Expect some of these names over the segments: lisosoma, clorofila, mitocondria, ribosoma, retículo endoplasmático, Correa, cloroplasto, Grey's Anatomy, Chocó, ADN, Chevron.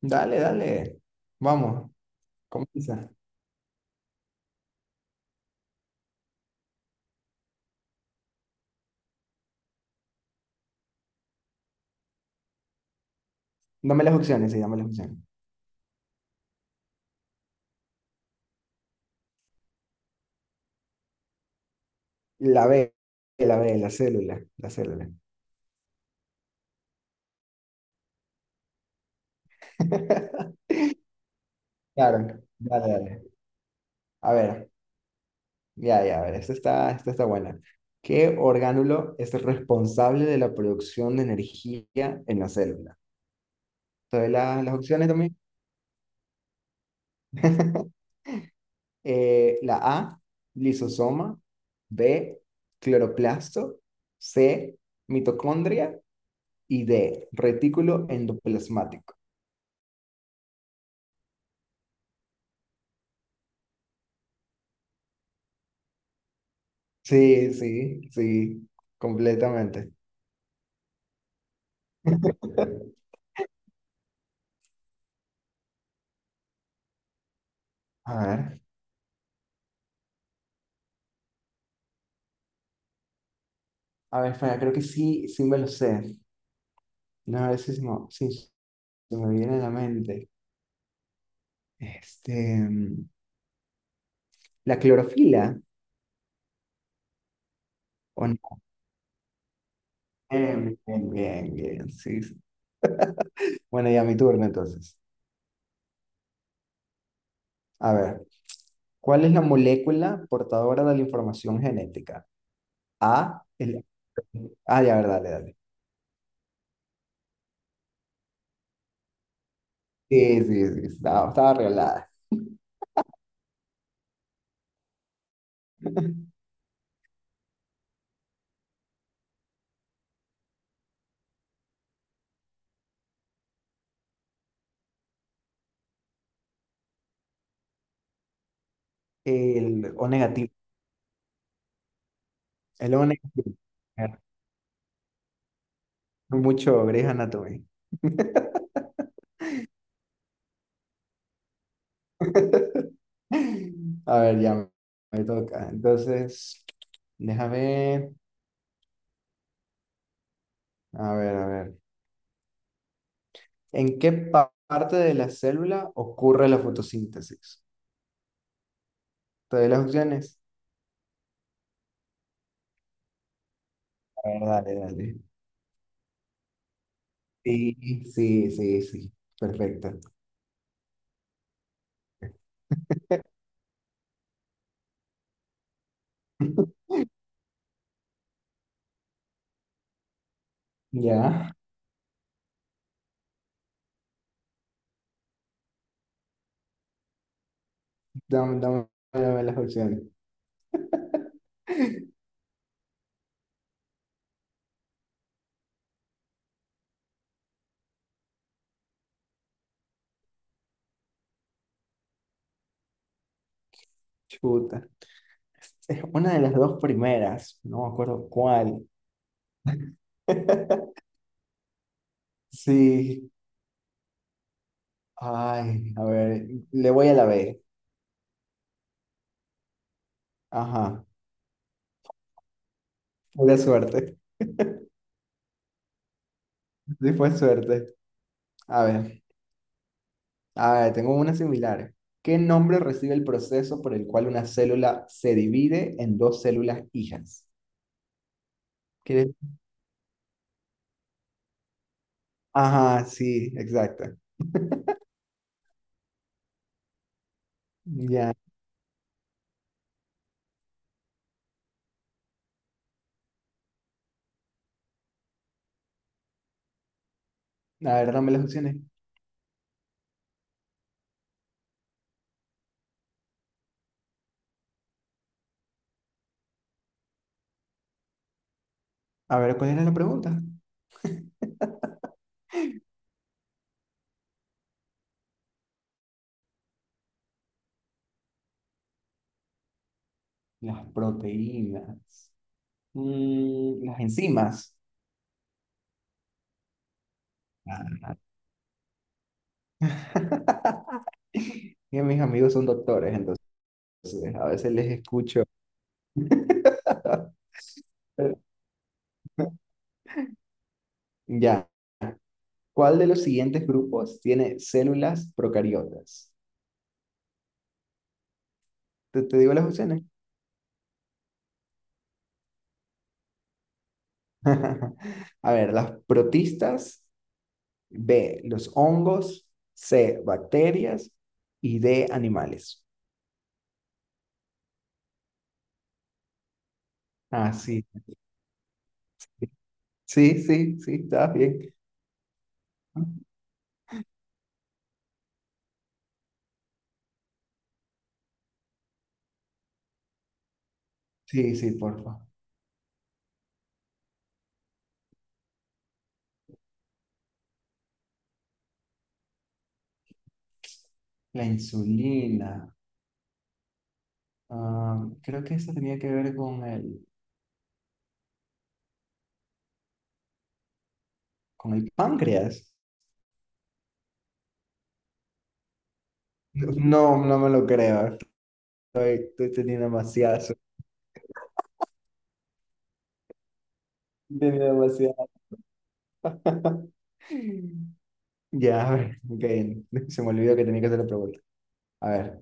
Dale, dale. Vamos, comienza. Dame las opciones, sí, dame las opciones. La B, la B, la célula, la célula. Claro, dale, dale. A ver, ya, ya, a ver, esta está buena. ¿Qué orgánulo es responsable de la producción de energía en la célula? ¿Te doy las opciones también? La A, lisosoma, B, cloroplasto, C, mitocondria y D, retículo endoplasmático. Sí, sí, sí, completamente. A ver, a ver, espera, creo que sí, sí me lo sé. No, a ver si se me, sí, se me viene a la mente. Este, la clorofila. ¿O no? Bien, bien, bien, bien, sí, sí. Bueno, ya mi turno entonces. A ver, ¿cuál es la molécula portadora de la información genética? A, el... Ah, ya, verdad, dale, dale. Sí, sí, sí, estaba arreglada. El O negativo, el O negativo. Mucho Grey's Anatomy. A ver, ya me toca. Entonces, déjame, a ver, a ver. ¿En qué parte de la célula ocurre la fotosíntesis? ¿Te doy las opciones? A ver, dale, dale. Sí, sí, sí, sí. Perfecto. Ya, dame, dame, dame las opciones. Chuta. Es una de las dos primeras, no me acuerdo cuál. Sí, ay, a ver, le voy a la B. Ajá, pura suerte. Sí fue suerte. A ver, a ver, tengo una similar. ¿Qué nombre recibe el proceso por el cual una célula se divide en dos células hijas? ¿Quieres? Ajá, sí, exacto. Ya. A ver, dame las opciones. A ver, ¿cuál era la pregunta? Las proteínas. Las enzimas. Ah. Y mis amigos son doctores, entonces a veces les escucho. Ya. ¿Cuál de los siguientes grupos tiene células procariotas? ¿Te digo las opciones? A ver, las protistas, B, los hongos, C, bacterias y D, animales. Ah, sí. Sí, sí, sí, está bien. Sí, sí, porfa. La insulina. Ah, creo que eso tenía que ver con el páncreas. No, no me lo creo. Estoy teniendo demasiadas. Tiene demasiado. Ya, a ver, ok. Se me olvidó que tenía que hacer la pregunta. A ver,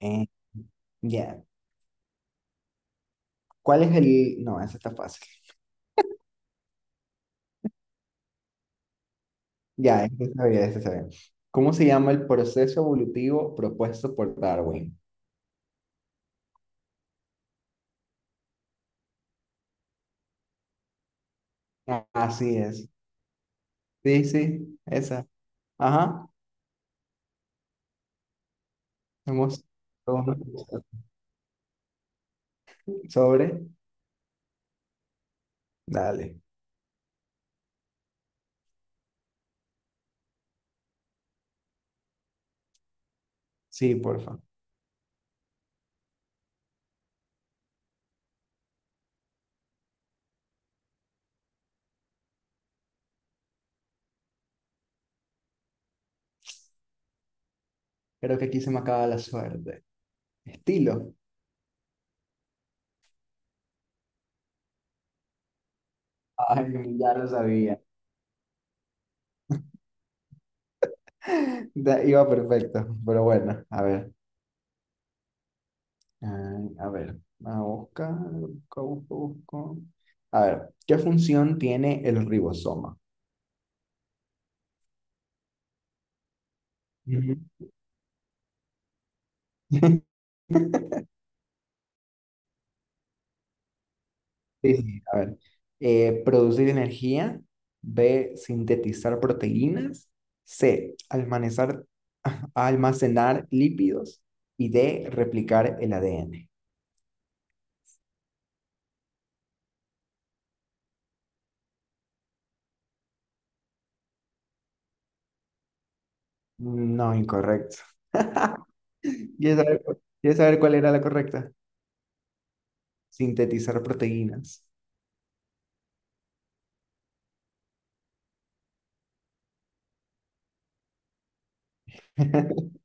eh, ya. ¿Cuál es el...? No, esa está fácil. Ya, esa sabía bien, esa está. ¿Cómo se llama el proceso evolutivo propuesto por Darwin? Ah, así es. Sí, sí, esa. Ajá. Hemos... Sobre. Dale. Sí, porfa. Creo que aquí se me acaba la suerte. Estilo. Ay, ya lo sabía. Da- iba perfecto, pero bueno, a ver. Ah, a ver, a buscar, busco. A ver, ¿qué función tiene el ribosoma? Ujú. Sí, sí, a ver. Producir energía. B, sintetizar proteínas. C, almacenar, almacenar lípidos. Y D, replicar el ADN. No, incorrecto. ¿Quieres saber, quieres saber cuál era la correcta? Sintetizar proteínas.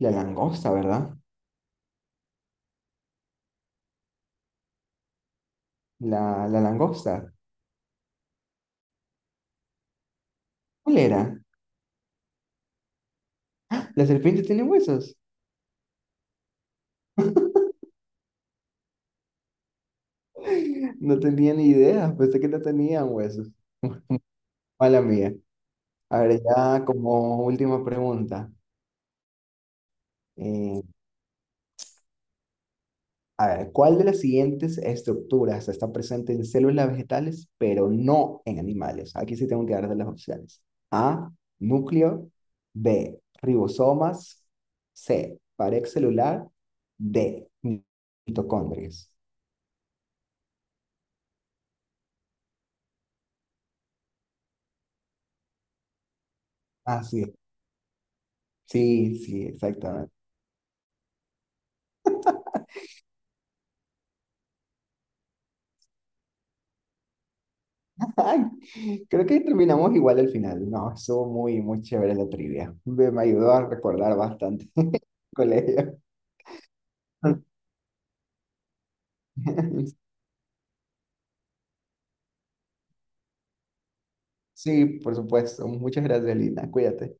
La langosta, ¿verdad? La langosta. ¿Cuál era? ¿La serpiente tiene huesos? No tenía ni idea, pensé que no tenían huesos. Mala mía. A ver, ya como última pregunta. eh, a ver, ¿cuál de las siguientes estructuras está presente en células vegetales, pero no en animales? Aquí sí tengo que dar de las opciones. A, núcleo. B, ribosomas. C, pared celular. D, mitocondrias. Ah, sí. Sí, sí, exactamente. Ay, creo que terminamos igual al final. No, estuvo muy, muy chévere la trivia. Me ayudó a recordar bastante el colegio. Sí, por supuesto. Muchas gracias, Lina. Cuídate.